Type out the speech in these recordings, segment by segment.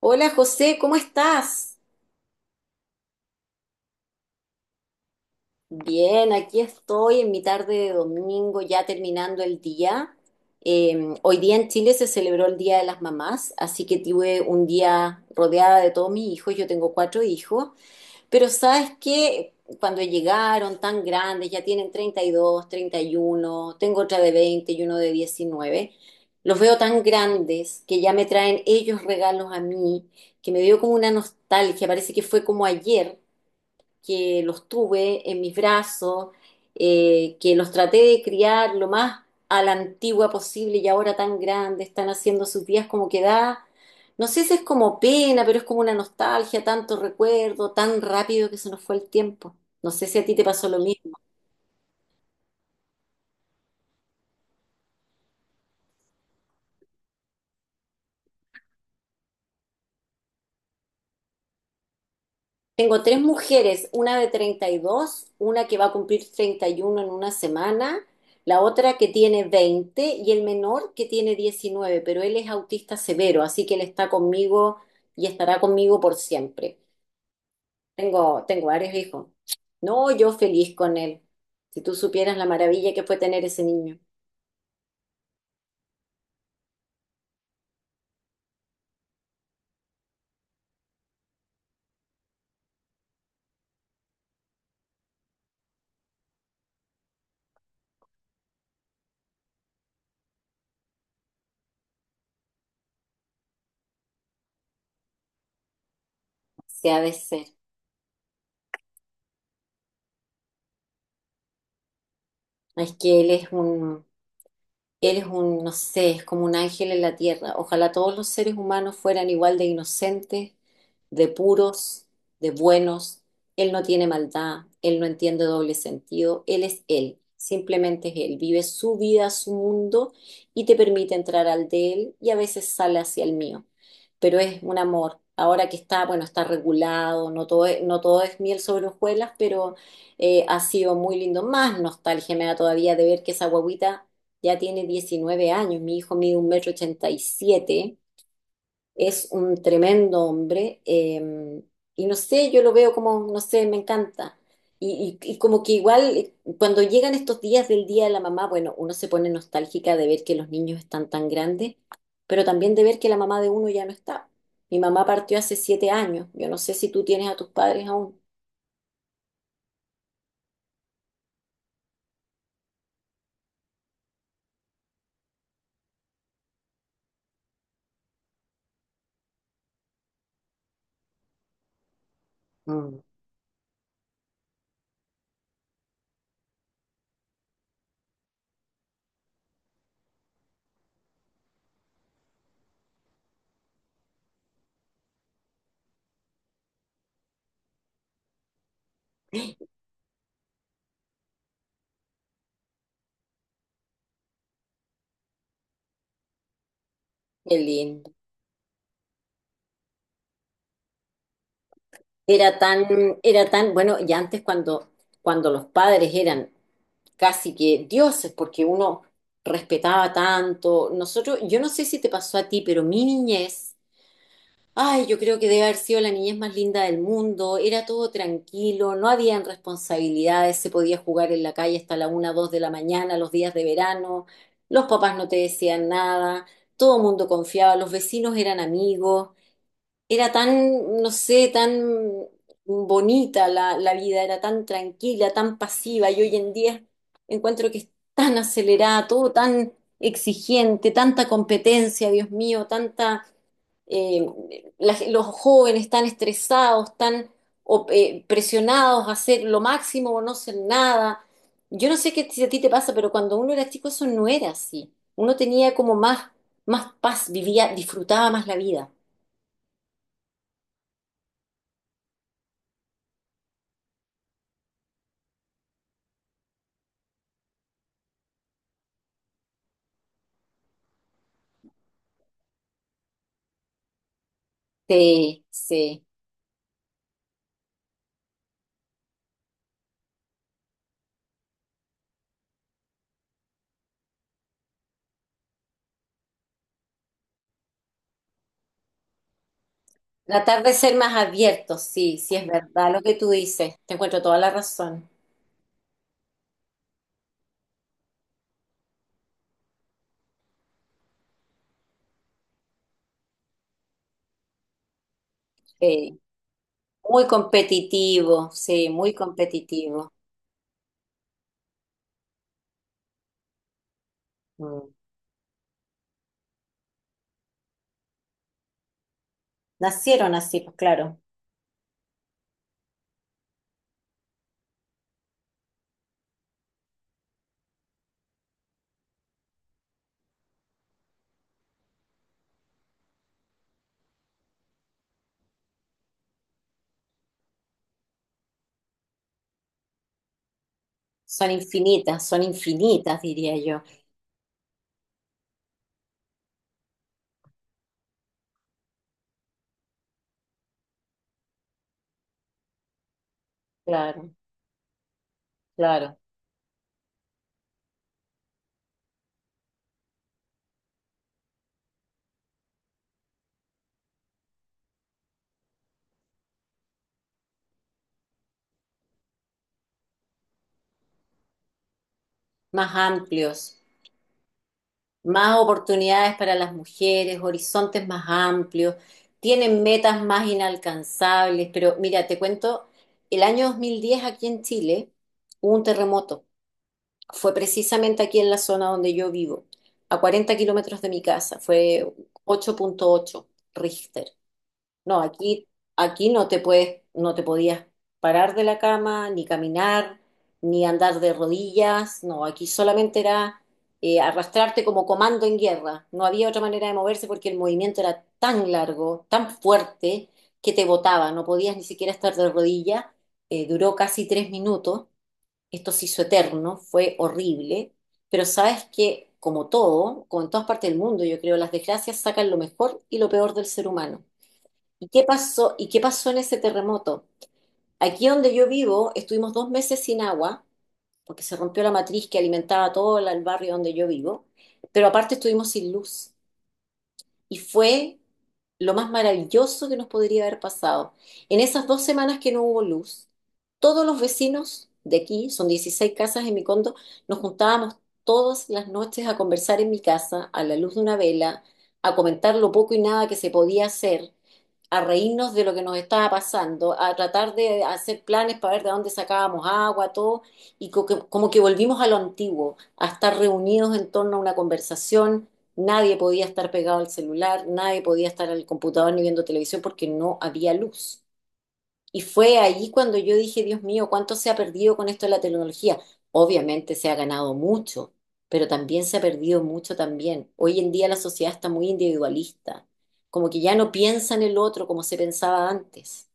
Hola José, ¿cómo estás? Bien, aquí estoy en mi tarde de domingo, ya terminando el día. Hoy día en Chile se celebró el Día de las Mamás, así que tuve un día rodeada de todos mis hijos. Yo tengo cuatro hijos, pero sabes que cuando llegaron tan grandes, ya tienen 32, 31. Tengo otra de 20, y uno de 19. Los veo tan grandes que ya me traen ellos regalos a mí, que me dio como una nostalgia, parece que fue como ayer que los tuve en mis brazos, que los traté de criar lo más a la antigua posible y ahora tan grandes, están haciendo sus días como que da, no sé si es como pena, pero es como una nostalgia, tanto recuerdo, tan rápido que se nos fue el tiempo. No sé si a ti te pasó lo mismo. Tengo tres mujeres, una de 32, una que va a cumplir 31 en una semana, la otra que tiene 20 y el menor que tiene 19. Pero él es autista severo, así que él está conmigo y estará conmigo por siempre. Tengo varios hijos. No, yo feliz con él. Si tú supieras la maravilla que fue tener ese niño, se ha de ser. Es que él es un, Él es un, no sé, es como un ángel en la tierra. Ojalá todos los seres humanos fueran igual de inocentes, de puros, de buenos. Él no tiene maldad, él no entiende doble sentido, él es él, simplemente es él. Vive su vida, su mundo y te permite entrar al de él y a veces sale hacia el mío. Pero es un amor. Ahora que está, bueno, está regulado, no todo es, no todo es miel sobre hojuelas, pero ha sido muy lindo. Más nostalgia me da todavía de ver que esa guaguita ya tiene 19 años, mi hijo mide 1,87 metros, es un tremendo hombre, y no sé, yo lo veo como, no sé, me encanta. Y como que igual, cuando llegan estos días del Día de la Mamá, bueno, uno se pone nostálgica de ver que los niños están tan grandes, pero también de ver que la mamá de uno ya no está. Mi mamá partió hace 7 años, yo no sé si tú tienes a tus padres aún. Mm. Qué lindo. Era tan, era tan, bueno, y antes cuando, cuando los padres eran casi que dioses, porque uno respetaba tanto. Nosotros, yo no sé si te pasó a ti, pero mi niñez, ay, yo creo que debe haber sido la niñez más linda del mundo. Era todo tranquilo, no habían responsabilidades, se podía jugar en la calle hasta la una, dos de la mañana, los días de verano. Los papás no te decían nada, todo el mundo confiaba, los vecinos eran amigos. Era tan, no sé, tan bonita la vida, era tan tranquila, tan pasiva, y hoy en día encuentro que es tan acelerada, todo tan exigente, tanta competencia, Dios mío, tanta, eh, los jóvenes tan estresados, tan presionados a hacer lo máximo o no hacer nada. Yo no sé qué si a ti te pasa, pero cuando uno era chico eso no era así. Uno tenía como más, más paz, vivía, disfrutaba más la vida. Sí, sí. Tratar de ser más abiertos, sí, sí es verdad lo que tú dices. Te encuentro toda la razón. Sí. Muy competitivo, sí, muy competitivo. Mm. Nacieron así, pues claro. Son infinitas, diría yo. Claro, claro. Más amplios, más oportunidades para las mujeres, horizontes más amplios, tienen metas más inalcanzables. Pero mira, te cuento, el año 2010 aquí en Chile hubo un terremoto. Fue precisamente aquí en la zona donde yo vivo, a 40 kilómetros de mi casa, fue 8,8 Richter. No, aquí, aquí no te puedes, no te podías parar de la cama, ni caminar, ni andar de rodillas, no, aquí solamente era arrastrarte como comando en guerra, no había otra manera de moverse porque el movimiento era tan largo, tan fuerte, que te botaba, no podías ni siquiera estar de rodillas. Duró casi 3 minutos, esto se hizo eterno, fue horrible, pero sabes que, como todo, como en todas partes del mundo, yo creo, las desgracias sacan lo mejor y lo peor del ser humano. ¿Y qué pasó? ¿Y qué pasó en ese terremoto? Aquí donde yo vivo, estuvimos 2 meses sin agua, porque se rompió la matriz que alimentaba todo el barrio donde yo vivo, pero aparte estuvimos sin luz y fue lo más maravilloso que nos podría haber pasado. En esas 2 semanas que no hubo luz, todos los vecinos de aquí, son 16 casas en mi condo, nos juntábamos todas las noches a conversar en mi casa a la luz de una vela, a comentar lo poco y nada que se podía hacer, a reírnos de lo que nos estaba pasando, a tratar de hacer planes para ver de dónde sacábamos agua, todo, y como que volvimos a lo antiguo, a estar reunidos en torno a una conversación. Nadie podía estar pegado al celular, nadie podía estar al computador ni viendo televisión porque no había luz. Y fue ahí cuando yo dije, Dios mío, ¿cuánto se ha perdido con esto de la tecnología? Obviamente se ha ganado mucho, pero también se ha perdido mucho también. Hoy en día la sociedad está muy individualista, como que ya no piensa en el otro como se pensaba antes.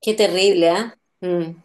Qué terrible, ¿ah? Mm,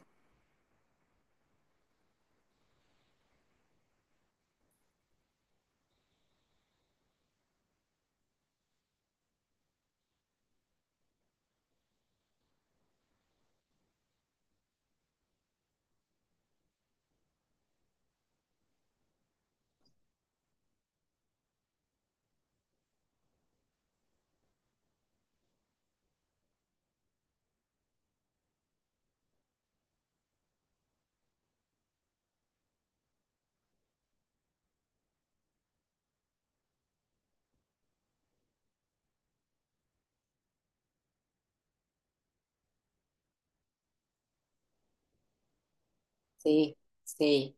sí, sí.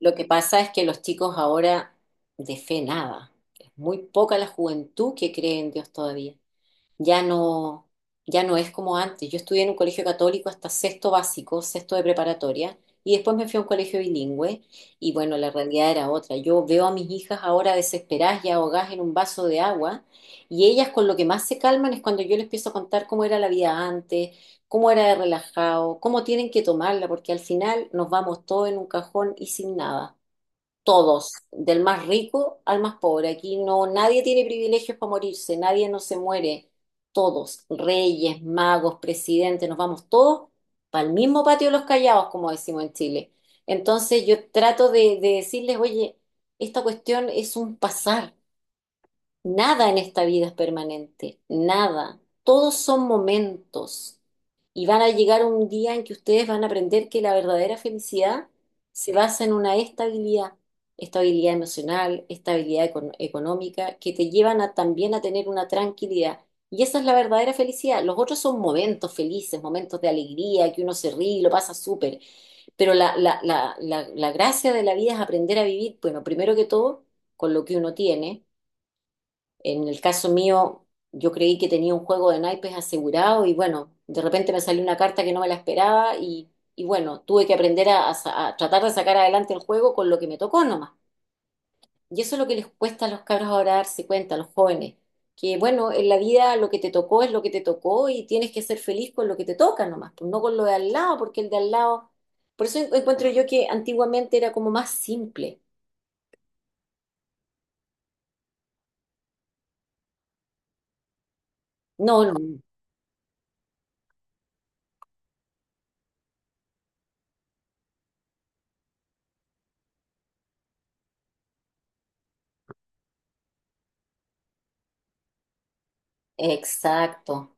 Lo que pasa es que los chicos ahora de fe nada. Es muy poca la juventud que cree en Dios todavía. Ya no, ya no es como antes. Yo estudié en un colegio católico hasta sexto básico, sexto de preparatoria, y después me fui a un colegio bilingüe, y bueno, la realidad era otra. Yo veo a mis hijas ahora desesperadas y ahogadas en un vaso de agua, y ellas con lo que más se calman es cuando yo les empiezo a contar cómo era la vida antes, cómo era de relajado, cómo tienen que tomarla, porque al final nos vamos todos en un cajón y sin nada todos, del más rico al más pobre. Aquí no, nadie tiene privilegios para morirse, nadie no se muere. Todos, reyes, magos, presidentes, nos vamos todos para el mismo patio de los callados, como decimos en Chile. Entonces yo trato de decirles, oye, esta cuestión es un pasar. Nada en esta vida es permanente, nada. Todos son momentos y van a llegar un día en que ustedes van a aprender que la verdadera felicidad se basa en una estabilidad, estabilidad emocional, estabilidad económica, que te llevan a, también a tener una tranquilidad. Y esa es la verdadera felicidad. Los otros son momentos felices, momentos de alegría, que uno se ríe y lo pasa súper. Pero la gracia de la vida es aprender a vivir, bueno, primero que todo, con lo que uno tiene en el caso mío, yo creí que tenía un juego de naipes asegurado y bueno, de repente me salió una carta que no me la esperaba y bueno, tuve que aprender a, a tratar de sacar adelante el juego con lo que me tocó nomás. Y eso es lo que les cuesta a los cabros ahora darse cuenta, a los jóvenes, que bueno, en la vida lo que te tocó es lo que te tocó y tienes que ser feliz con lo que te toca nomás, pues no con lo de al lado, porque el de al lado... Por eso encuentro yo que antiguamente era como más simple. No, no, exacto.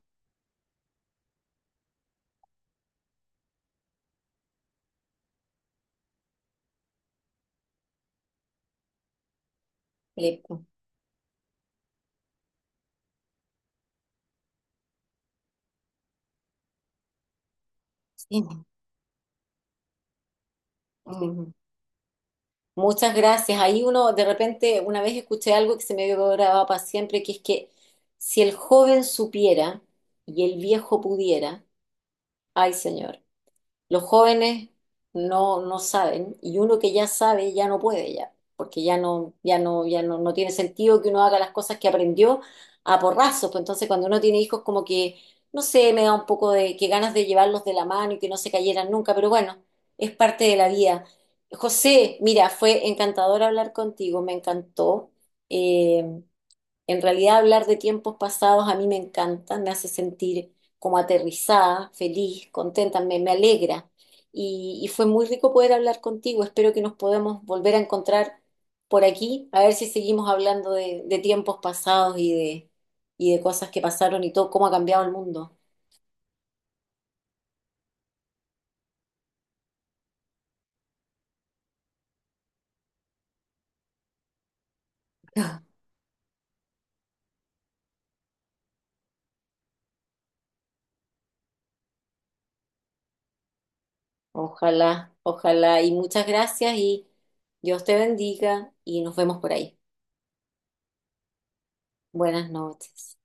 Eh, sí. Muchas gracias. Ahí uno, de repente, una vez escuché algo que se me quedó grabado para siempre, que es que si el joven supiera y el viejo pudiera, ay señor, los jóvenes no, no saben y uno que ya sabe ya no puede ya, porque ya no, ya no, ya no, no tiene sentido que uno haga las cosas que aprendió a porrazos. Pues entonces cuando uno tiene hijos como que, no sé, me da un poco de que ganas de llevarlos de la mano y que no se cayeran nunca, pero bueno, es parte de la vida. José, mira, fue encantador hablar contigo, me encantó. Eh, en realidad hablar de tiempos pasados a mí me encanta, me hace sentir como aterrizada, feliz, contenta, me alegra. Y fue muy rico poder hablar contigo. Espero que nos podamos volver a encontrar por aquí, a ver si seguimos hablando de tiempos pasados y de cosas que pasaron y todo, cómo ha cambiado el mundo. Ojalá, ojalá. Y muchas gracias y Dios te bendiga y nos vemos por ahí. Buenas noches.